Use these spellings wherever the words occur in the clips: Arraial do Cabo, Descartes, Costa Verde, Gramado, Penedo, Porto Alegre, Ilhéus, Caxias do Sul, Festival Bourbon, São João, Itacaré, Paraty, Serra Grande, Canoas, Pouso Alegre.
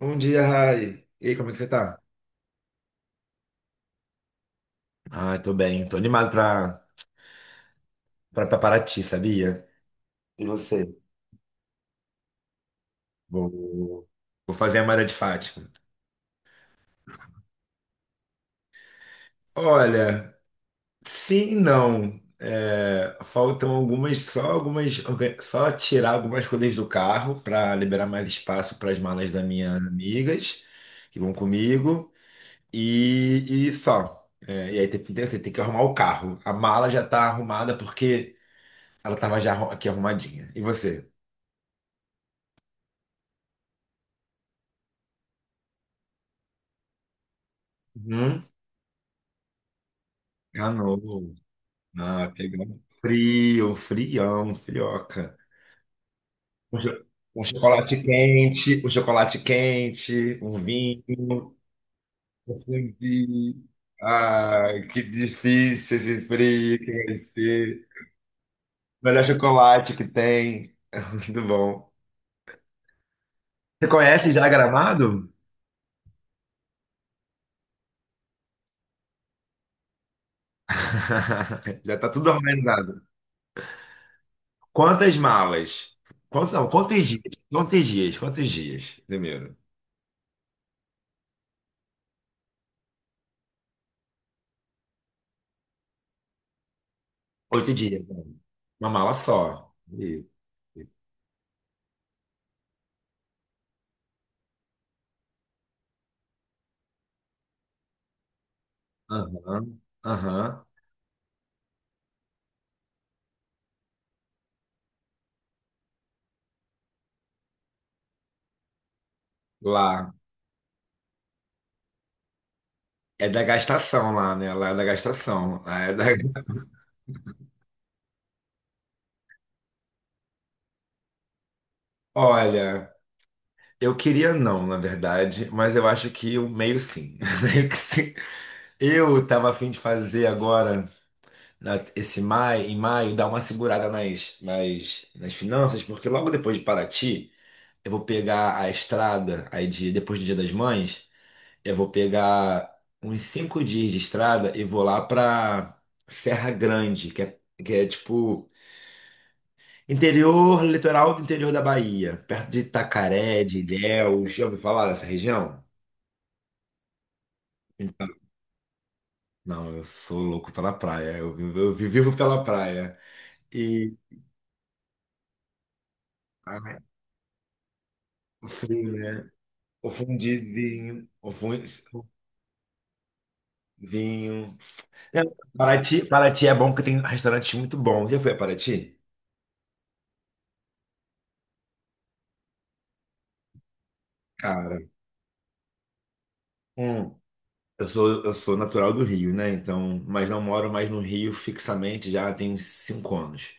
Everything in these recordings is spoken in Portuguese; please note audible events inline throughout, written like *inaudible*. Bom dia, Rai. E aí, como é que você tá? Ai, tô bem. Tô animado pra Paraty, sabia? E você? Vou, vou fazer a Mara de Fátima. Olha, sim e não. Faltam algumas, só algumas, só tirar algumas coisas do carro para liberar mais espaço para as malas das minhas amigas que vão comigo e só. E aí tem que arrumar o carro. A mala já tá arrumada porque ela tava já aqui arrumadinha. E você? Uhum. Ah, não. Ah, pegar um frio, um frião, um frioca. Um, cho- um chocolate quente, um vinho, um fondue. Ah, que difícil esse frio que vai ser. Melhor chocolate que tem. *laughs* Muito bom. Você conhece já Gramado? *laughs* Já tá tudo organizado. Quantas malas? Quanto, não, quantos dias? Quantos dias? Quantos dias? Primeiro. 8 dias, né? Uma mala só. Isso. Aham, aham. Lá. É da gastação lá, né? Lá é da gastação. Lá é da *laughs* olha, eu queria não, na verdade, mas eu acho que o meio sim. *laughs* Meio que sim. Eu tava a fim de fazer agora, esse maio, em maio, dar uma segurada nas finanças, porque logo depois de Paraty, eu vou pegar a estrada aí depois do Dia das Mães. Eu vou pegar uns 5 dias de estrada e vou lá pra Serra Grande, que é tipo interior, litoral do interior da Bahia, perto de Itacaré, de Ilhéus. Já ouviu falar dessa região? Não, eu sou louco pela praia. Eu vivo, vivo pela praia. E ai, o frio, né? O fundizinho, o fundinho. Paraty é bom porque tem restaurantes muito bons. Já foi a Paraty? Cara, hum, eu sou natural do Rio, né? Então, mas não moro mais no Rio fixamente já tem uns 5 anos.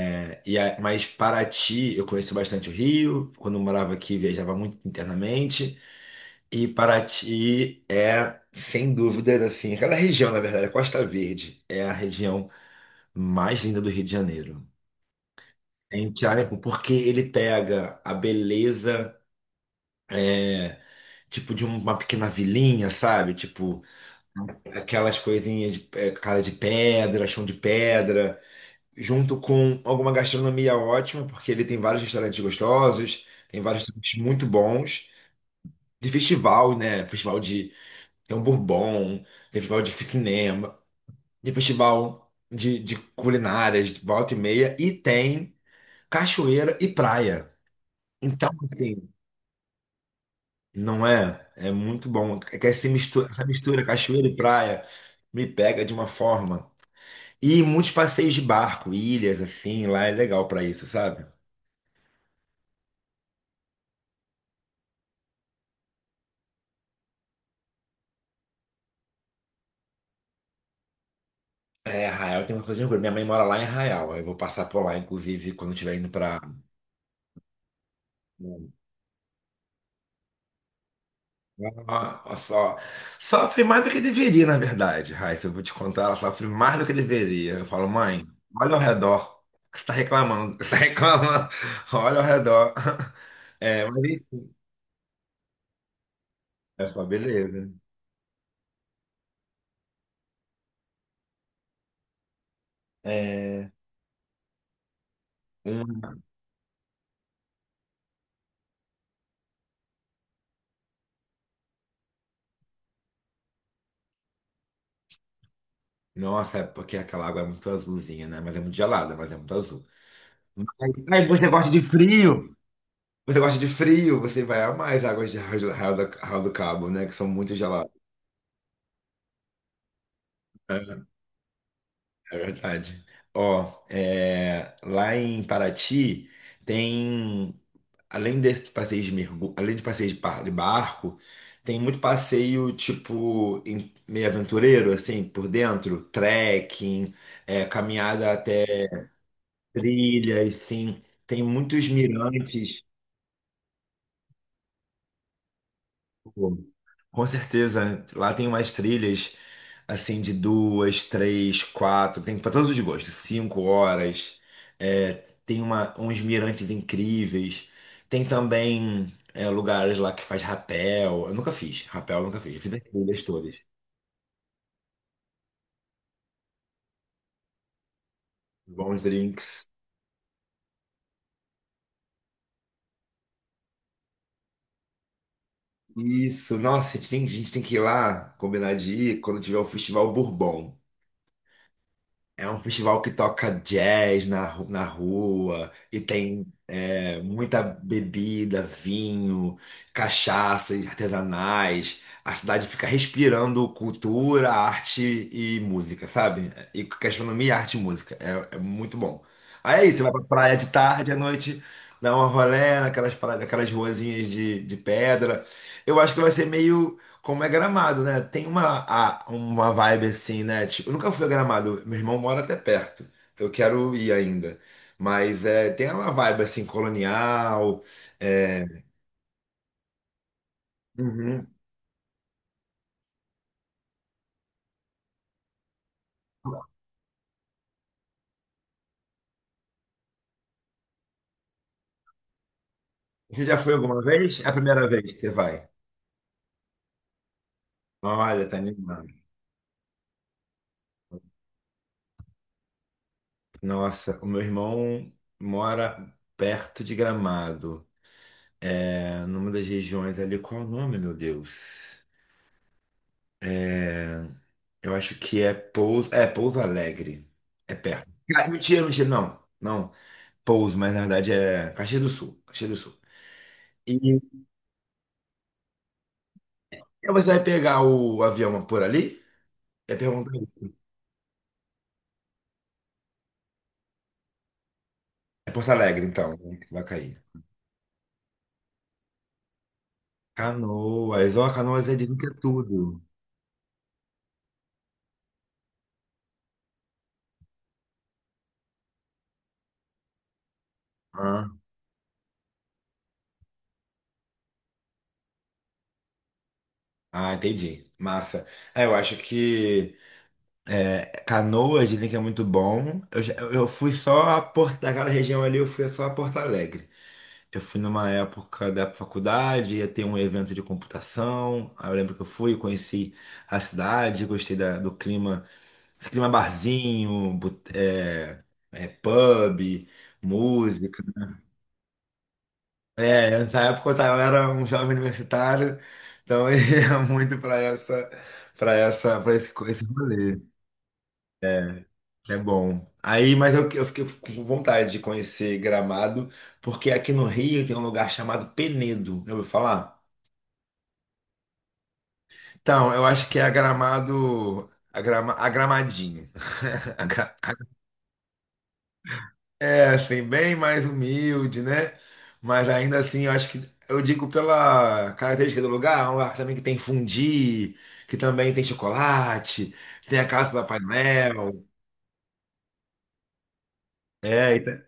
Mas Paraty, eu conheço bastante o Rio. Quando eu morava aqui, viajava muito internamente. E Paraty é, sem dúvidas, assim, aquela região, na verdade, a Costa Verde é a região mais linda do Rio de Janeiro. Em incrível porque ele pega a beleza, tipo, de uma pequena vilinha, sabe? Tipo, aquelas coisinhas de casa de pedra, chão de pedra, junto com alguma gastronomia ótima, porque ele tem vários restaurantes gostosos, tem vários restaurantes muito bons, de festival, né? Festival de, tem um Bourbon, tem festival de cinema, tem festival de culinárias, de volta e meia, e tem cachoeira e praia. Então, assim, não é? É muito bom. É que essa mistura cachoeira e praia me pega de uma forma. E muitos passeios de barco, ilhas, assim, lá é legal pra isso, sabe? É, Arraial tem uma coisa de orgulho. Minha mãe mora lá em Arraial. Eu vou passar por lá, inclusive, quando estiver indo para. Só, sofre mais do que deveria, na verdade, Raíssa. Eu vou te contar, ela sofre mais do que deveria. Eu falo, mãe, olha ao redor. Você está reclamando, *laughs* você está reclamando. *laughs* Olha ao redor. *laughs* Mas enfim, é só beleza. É, um- Nossa, é porque aquela água é muito azulzinha, né? Mas é muito gelada, mas é muito azul. Aí você gosta de frio? Você gosta de frio, você vai amar as águas de Arraial do Cabo, né? Que são muito geladas. É, é verdade. Ó, lá em Paraty tem, além desses passeios de mergulho, além de passeios de de barco, tem muito passeio tipo meio aventureiro, assim, por dentro, trekking, caminhada até trilhas, sim. Tem muitos mirantes. Pô, com certeza, lá tem umas trilhas assim de duas, três, quatro, tem para todos os gostos, 5 horas. É, tem uma, uns mirantes incríveis. Tem também lugares lá que faz rapel. Eu nunca fiz, rapel eu nunca fiz. Eu fiz as trilhas todas. Bons drinks. Isso, nossa, a gente tem que ir lá, combinar de ir quando tiver o Festival Bourbon. É um festival que toca jazz na rua e tem muita bebida, vinho, cachaças artesanais. A cidade fica respirando cultura, arte e música, sabe? E gastronomia, arte e música. É muito bom. Aí é isso, você vai pra praia de tarde, à noite, dá uma rolê naquelas ruazinhas de pedra. Eu acho que vai ser meio como é Gramado, né? Tem uma vibe assim, né? Tipo, eu nunca fui a Gramado, meu irmão mora até perto, então eu quero ir ainda. Mas é, tem uma vibe assim, colonial. é, uhum. Você já foi alguma vez? É a primeira vez que você vai. Olha, tá animado. Nossa, o meu irmão mora perto de Gramado. Numa das regiões ali. Qual é o nome, meu Deus? É. Eu acho que é Pouso Alegre. É perto. Ah, mentira, mentira, não. Não, Pouso, mas na verdade é Caxias do Sul, Caxias do Sul. E aí você vai pegar o avião por ali? É pergunta aí. É Porto Alegre, então, né, que vai cair. Canoas, ó, Canoas é, dizem que é tudo. Ah, ah, entendi. Massa. Ah, eu acho que Canoas dizem que é muito bom. Eu fui só a Porto, daquela região ali, eu fui só a Porto Alegre. Eu fui numa época da faculdade, ia ter um evento de computação. Aí eu lembro que eu fui, conheci a cidade, gostei do clima, esse clima barzinho, pub, música. Na época eu era um jovem universitário, então eu *laughs* ia muito para esse rolê. É bom. Aí, mas eu fiquei com vontade de conhecer Gramado, porque aqui no Rio tem um lugar chamado Penedo. Já ouviu falar? Então, eu acho que é a Gramado, a Gramadinho. *laughs* A Gra- assim, *laughs* bem mais humilde, né? Mas ainda assim, eu acho que, eu digo pela característica do lugar, é um lugar também que tem fundi, que também tem chocolate, tem a casa do Papai Noel. É, e tem-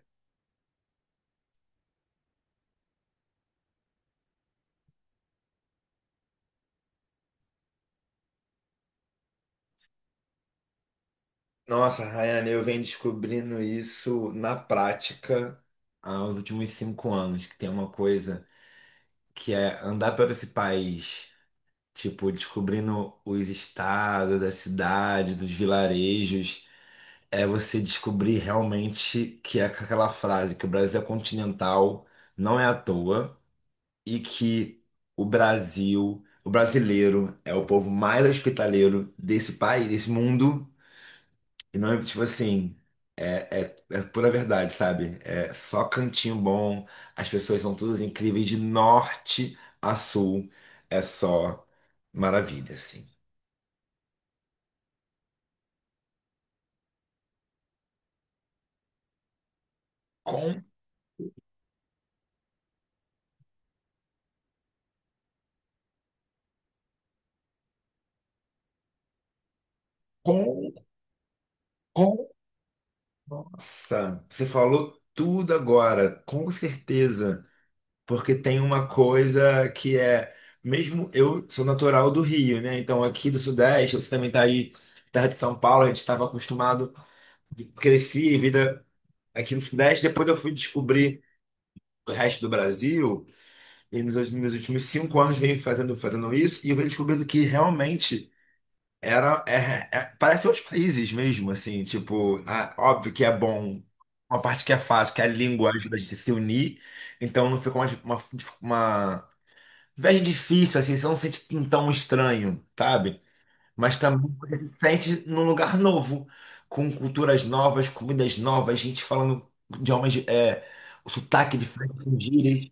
Nossa, Rayane, eu venho descobrindo isso na prática há uns últimos 5 anos, que tem uma coisa que é andar por esse país. Tipo, descobrindo os estados, as cidades, os vilarejos, é você descobrir realmente que é aquela frase que o Brasil é continental, não é à toa, e que o Brasil, o brasileiro, é o povo mais hospitaleiro desse país, desse mundo. E não é tipo assim, é pura verdade, sabe? É só cantinho bom, as pessoas são todas incríveis de norte a sul, é só maravilha, assim. Com Com, com, nossa, você falou tudo agora, com certeza. Porque tem uma coisa que é, mesmo eu sou natural do Rio, né? Então aqui do Sudeste, você também tá aí, terra de São Paulo, a gente estava acostumado, cresci, vida aqui no Sudeste, depois eu fui descobrir o resto do Brasil, e meus últimos 5 anos venho fazendo isso, e eu venho descobrindo que realmente. Parece outros países mesmo, assim, tipo, ah, óbvio que é bom, uma parte que é fácil, que a língua ajuda a gente a se unir, então não fica uma viagem difícil, assim, você não se sente tão estranho, sabe? Mas também você se sente num lugar *laughs* novo, com culturas novas, comidas novas, gente falando idiomas, o sotaque diferente com gírias.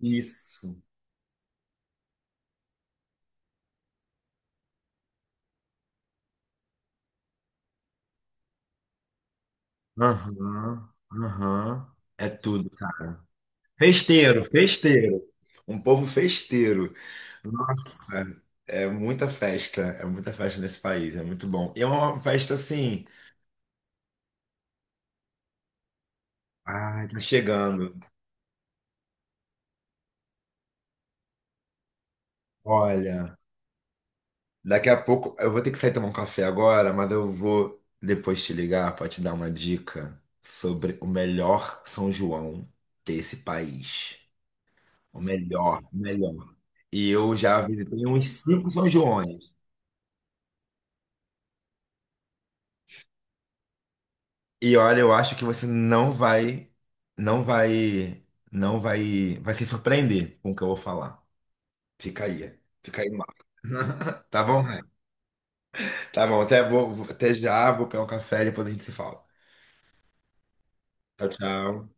Isso. Aham, aham, é tudo, cara. Festeiro, festeiro. Um povo festeiro. É muita festa, é muita festa nesse país, é muito bom. E é uma festa assim. Ai, tá chegando. Olha, daqui a pouco eu vou ter que sair tomar um café agora, mas eu vou depois te ligar para te dar uma dica sobre o melhor São João desse país. O melhor, o melhor. E eu já visitei uns 5 São João. E olha, eu acho que você não vai, vai se surpreender com o que eu vou falar. Fica aí, fica aí mal. *laughs* Tá bom, né? Tá bom, até já, vou pegar um café e depois a gente se fala. Tchau, tchau.